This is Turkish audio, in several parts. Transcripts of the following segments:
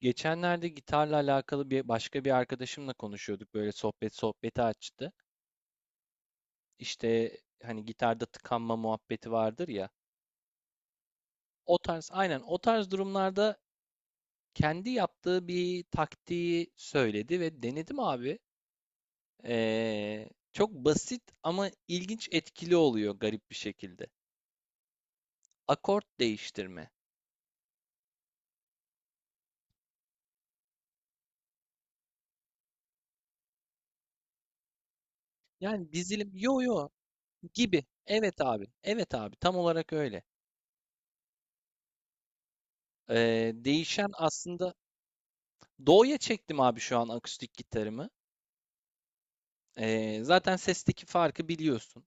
Geçenlerde gitarla alakalı başka bir arkadaşımla konuşuyorduk. Böyle sohbet sohbeti açtı. İşte hani gitarda tıkanma muhabbeti vardır ya. O tarz aynen o tarz durumlarda kendi yaptığı bir taktiği söyledi ve denedim abi. Çok basit ama ilginç, etkili oluyor garip bir şekilde. Akort değiştirme. Yani dizilim yo yo gibi. Evet abi. Evet abi, tam olarak öyle. Değişen aslında. Do'ya çektim abi şu an akustik gitarımı. Zaten sesteki farkı biliyorsun.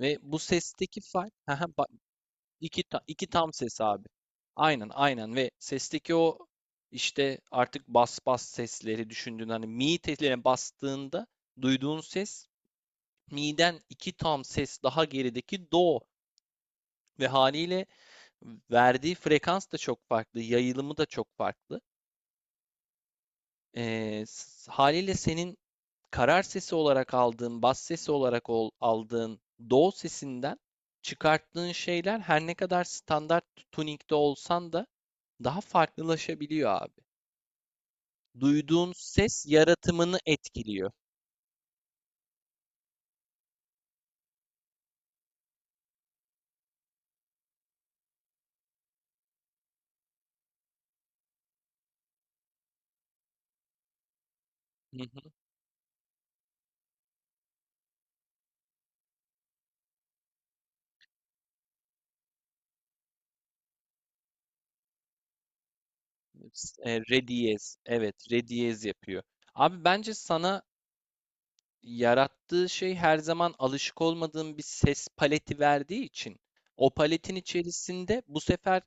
Ve bu sesteki fark bak, iki tam ses abi. Aynen aynen, ve sesteki o işte artık bas sesleri düşündüğün, hani mi teline bastığında duyduğun ses, mi'den iki tam ses daha gerideki do. Ve haliyle verdiği frekans da çok farklı, yayılımı da çok farklı. Haliyle senin karar sesi olarak aldığın, bas sesi olarak aldığın do sesinden çıkarttığın şeyler, her ne kadar standart tuning'de olsan da, daha farklılaşabiliyor abi. Duyduğun ses yaratımını etkiliyor. Hı. Re diyez. Evet, re diyez yapıyor. Abi bence sana, yarattığı şey her zaman alışık olmadığın bir ses paleti verdiği için, o paletin içerisinde bu sefer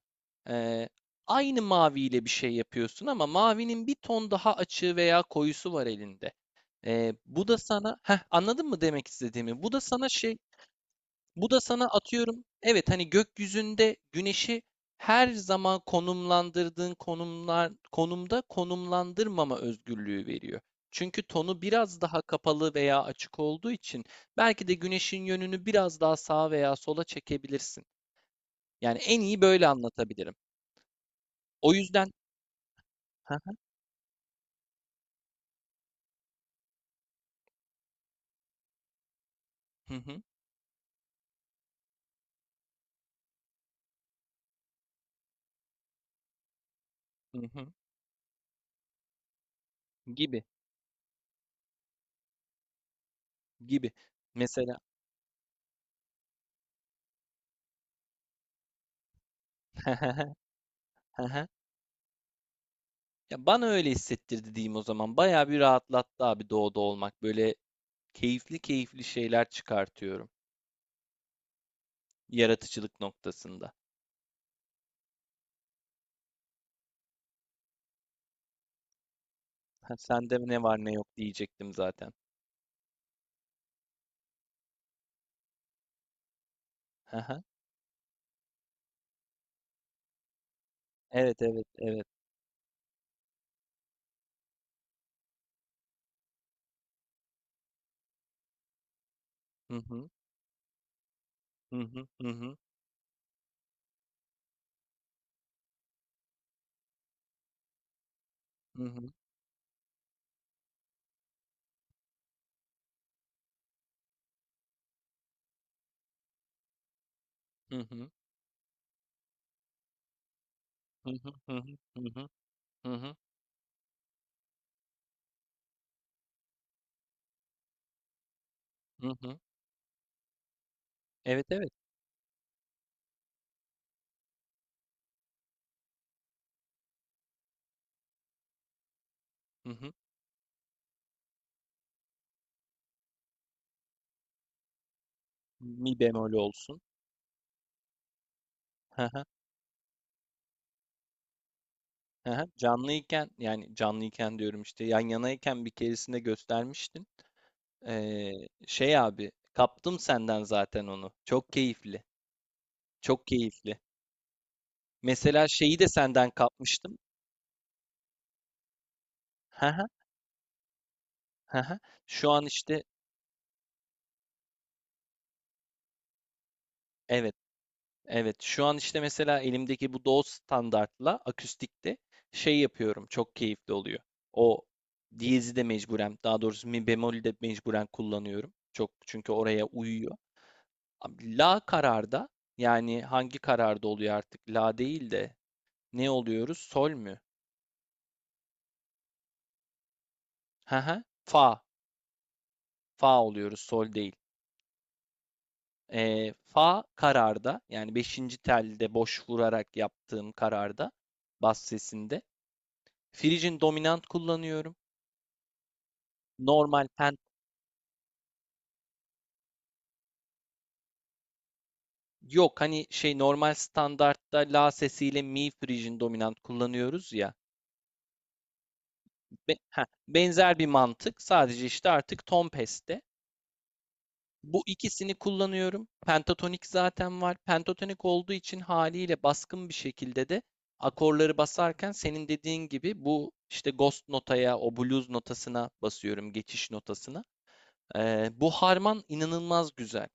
eee, aynı maviyle bir şey yapıyorsun ama mavinin bir ton daha açığı veya koyusu var elinde. Bu da sana, anladın mı demek istediğimi? Bu da sana atıyorum, evet, hani gökyüzünde güneşi her zaman konumlandırdığın konumda konumlandırmama özgürlüğü veriyor. Çünkü tonu biraz daha kapalı veya açık olduğu için, belki de güneşin yönünü biraz daha sağa veya sola çekebilirsin. Yani en iyi böyle anlatabilirim. O yüzden hı hı, hı hı, gibi gibi mesela. Ya, bana öyle hissettirdi diyeyim o zaman. Bayağı bir rahatlattı abi doğuda olmak. Böyle keyifli keyifli şeyler çıkartıyorum yaratıcılık noktasında. Ha, sende ne var ne yok diyecektim zaten. Hı hı. Evet, evet, evet. Hı hı. Hı hı. Hı hı. Hı hı. Hı hı. Hı hı. Hı hı. Hı hı. Hı hı. Hı hı. Evet, evet. Hı hı. Mi bemol olsun. Hı hı. Hı hı. Canlıyken, yani canlıyken diyorum, işte yan yanayken bir keresinde göstermiştin. Ee, Şey abi, kaptım senden zaten onu. Çok keyifli. Çok keyifli. Mesela şeyi de senden kapmıştım. He he, he he. Şu an işte evet, evet. Şu an işte mesela elimdeki bu DAW standartla akustikte şey yapıyorum. Çok keyifli oluyor. O diyezi de mecburen, daha doğrusu mi bemolü de mecburen kullanıyorum. Çok, çünkü oraya uyuyor. Abi La kararda, yani hangi kararda oluyor artık? La değil de ne oluyoruz? Sol mü? He he. Fa. Fa oluyoruz, sol değil. Fa kararda, yani beşinci telde boş vurarak yaptığım kararda, bas sesinde frigin dominant kullanıyorum. Normal pen Yok, hani şey, normal standartta la sesiyle mi frigin dominant kullanıyoruz ya. Benzer bir mantık, sadece işte artık ton peste. Bu ikisini kullanıyorum. Pentatonik zaten var. Pentatonik olduğu için haliyle baskın bir şekilde de akorları basarken, senin dediğin gibi bu işte ghost notaya, o blues notasına basıyorum, geçiş notasına. Bu harman inanılmaz güzel.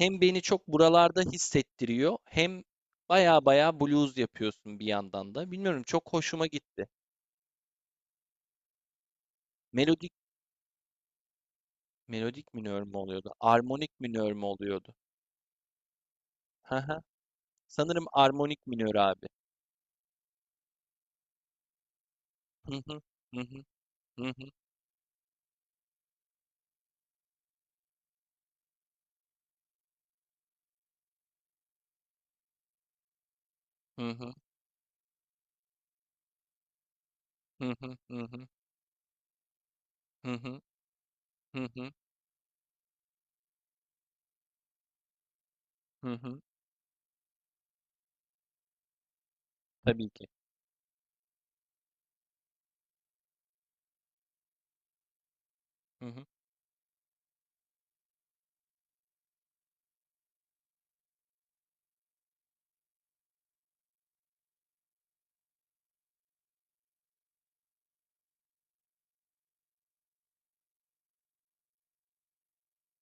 Hem beni çok buralarda hissettiriyor, hem baya baya blues yapıyorsun bir yandan da. Bilmiyorum, çok hoşuma gitti. Melodik, melodik minör mü oluyordu? Armonik minör mü oluyordu? Hı hı. Sanırım armonik minör abi. Hı hı. Hı hı. Hı hı. Hı hı. Hı hı. Hı hı. Hı hı. Hı hı. Hı hı. Tabii ki. Hı hı.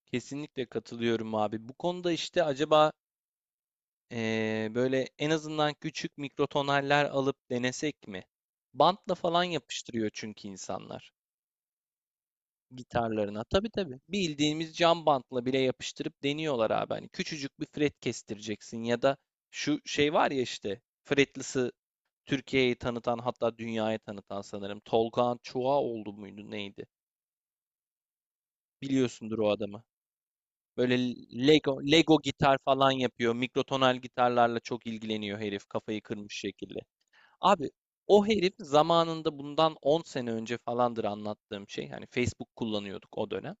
Kesinlikle katılıyorum abi. Bu konuda işte acaba böyle en azından küçük mikrotonaller alıp denesek mi? Bantla falan yapıştırıyor çünkü insanlar gitarlarına. Tabii tabii. Bildiğimiz cam bantla bile yapıştırıp deniyorlar abi. Hani küçücük bir fret kestireceksin, ya da şu şey var ya, işte fretlisi Türkiye'yi tanıtan, hatta dünyaya tanıtan sanırım. Tolga Çuha oldu muydu neydi? Biliyorsundur o adamı. Böyle Lego, Lego gitar falan yapıyor. Mikrotonal gitarlarla çok ilgileniyor herif. Kafayı kırmış şekilde. Abi o herif zamanında, bundan 10 sene önce falandır anlattığım şey. Hani Facebook kullanıyorduk o dönem.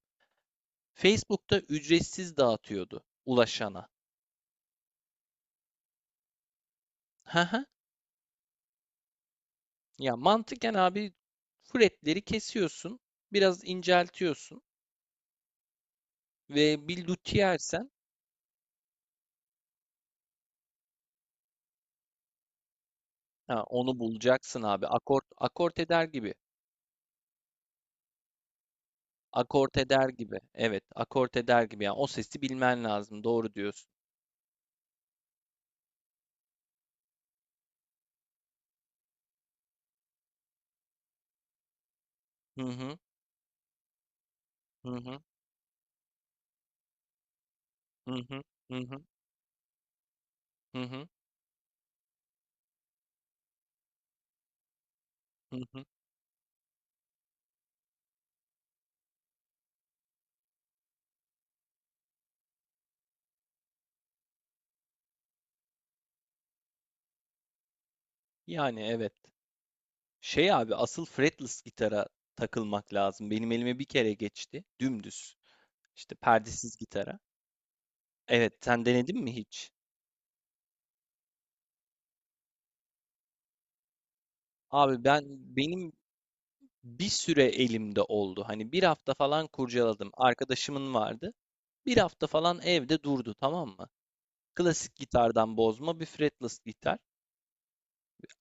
Facebook'ta ücretsiz dağıtıyordu ulaşana. Hı. Ya mantıken abi, fretleri kesiyorsun, biraz inceltiyorsun ve bir luthier sen, ha, onu bulacaksın abi. Akort eder gibi. Akort eder gibi. Evet, akort eder gibi. Yani o sesi bilmen lazım. Doğru diyorsun. Hı hı, hı hı, hı hı, hı hı, hı hı, hı hı. Yani evet. Şey abi, asıl fretless gitara takılmak lazım. Benim elime bir kere geçti. Dümdüz. İşte perdesiz gitara. Evet, sen denedin mi hiç? Abi benim bir süre elimde oldu. Hani bir hafta falan kurcaladım. Arkadaşımın vardı. Bir hafta falan evde durdu, tamam mı? Klasik gitardan bozma bir fretless gitar.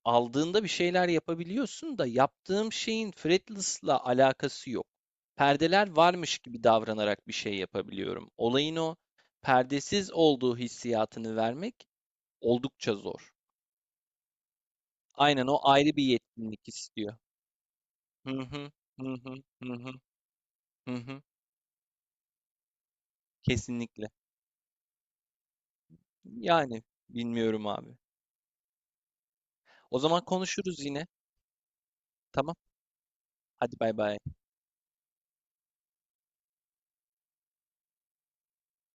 Aldığında bir şeyler yapabiliyorsun da, yaptığım şeyin fretless'la alakası yok. Perdeler varmış gibi davranarak bir şey yapabiliyorum. Olayın o perdesiz olduğu hissiyatını vermek oldukça zor. Aynen, o ayrı bir yetkinlik istiyor. Hı hı, hı hı, hı hı, hı hı. Kesinlikle. Yani bilmiyorum abi. O zaman konuşuruz yine. Tamam. Hadi bay bay.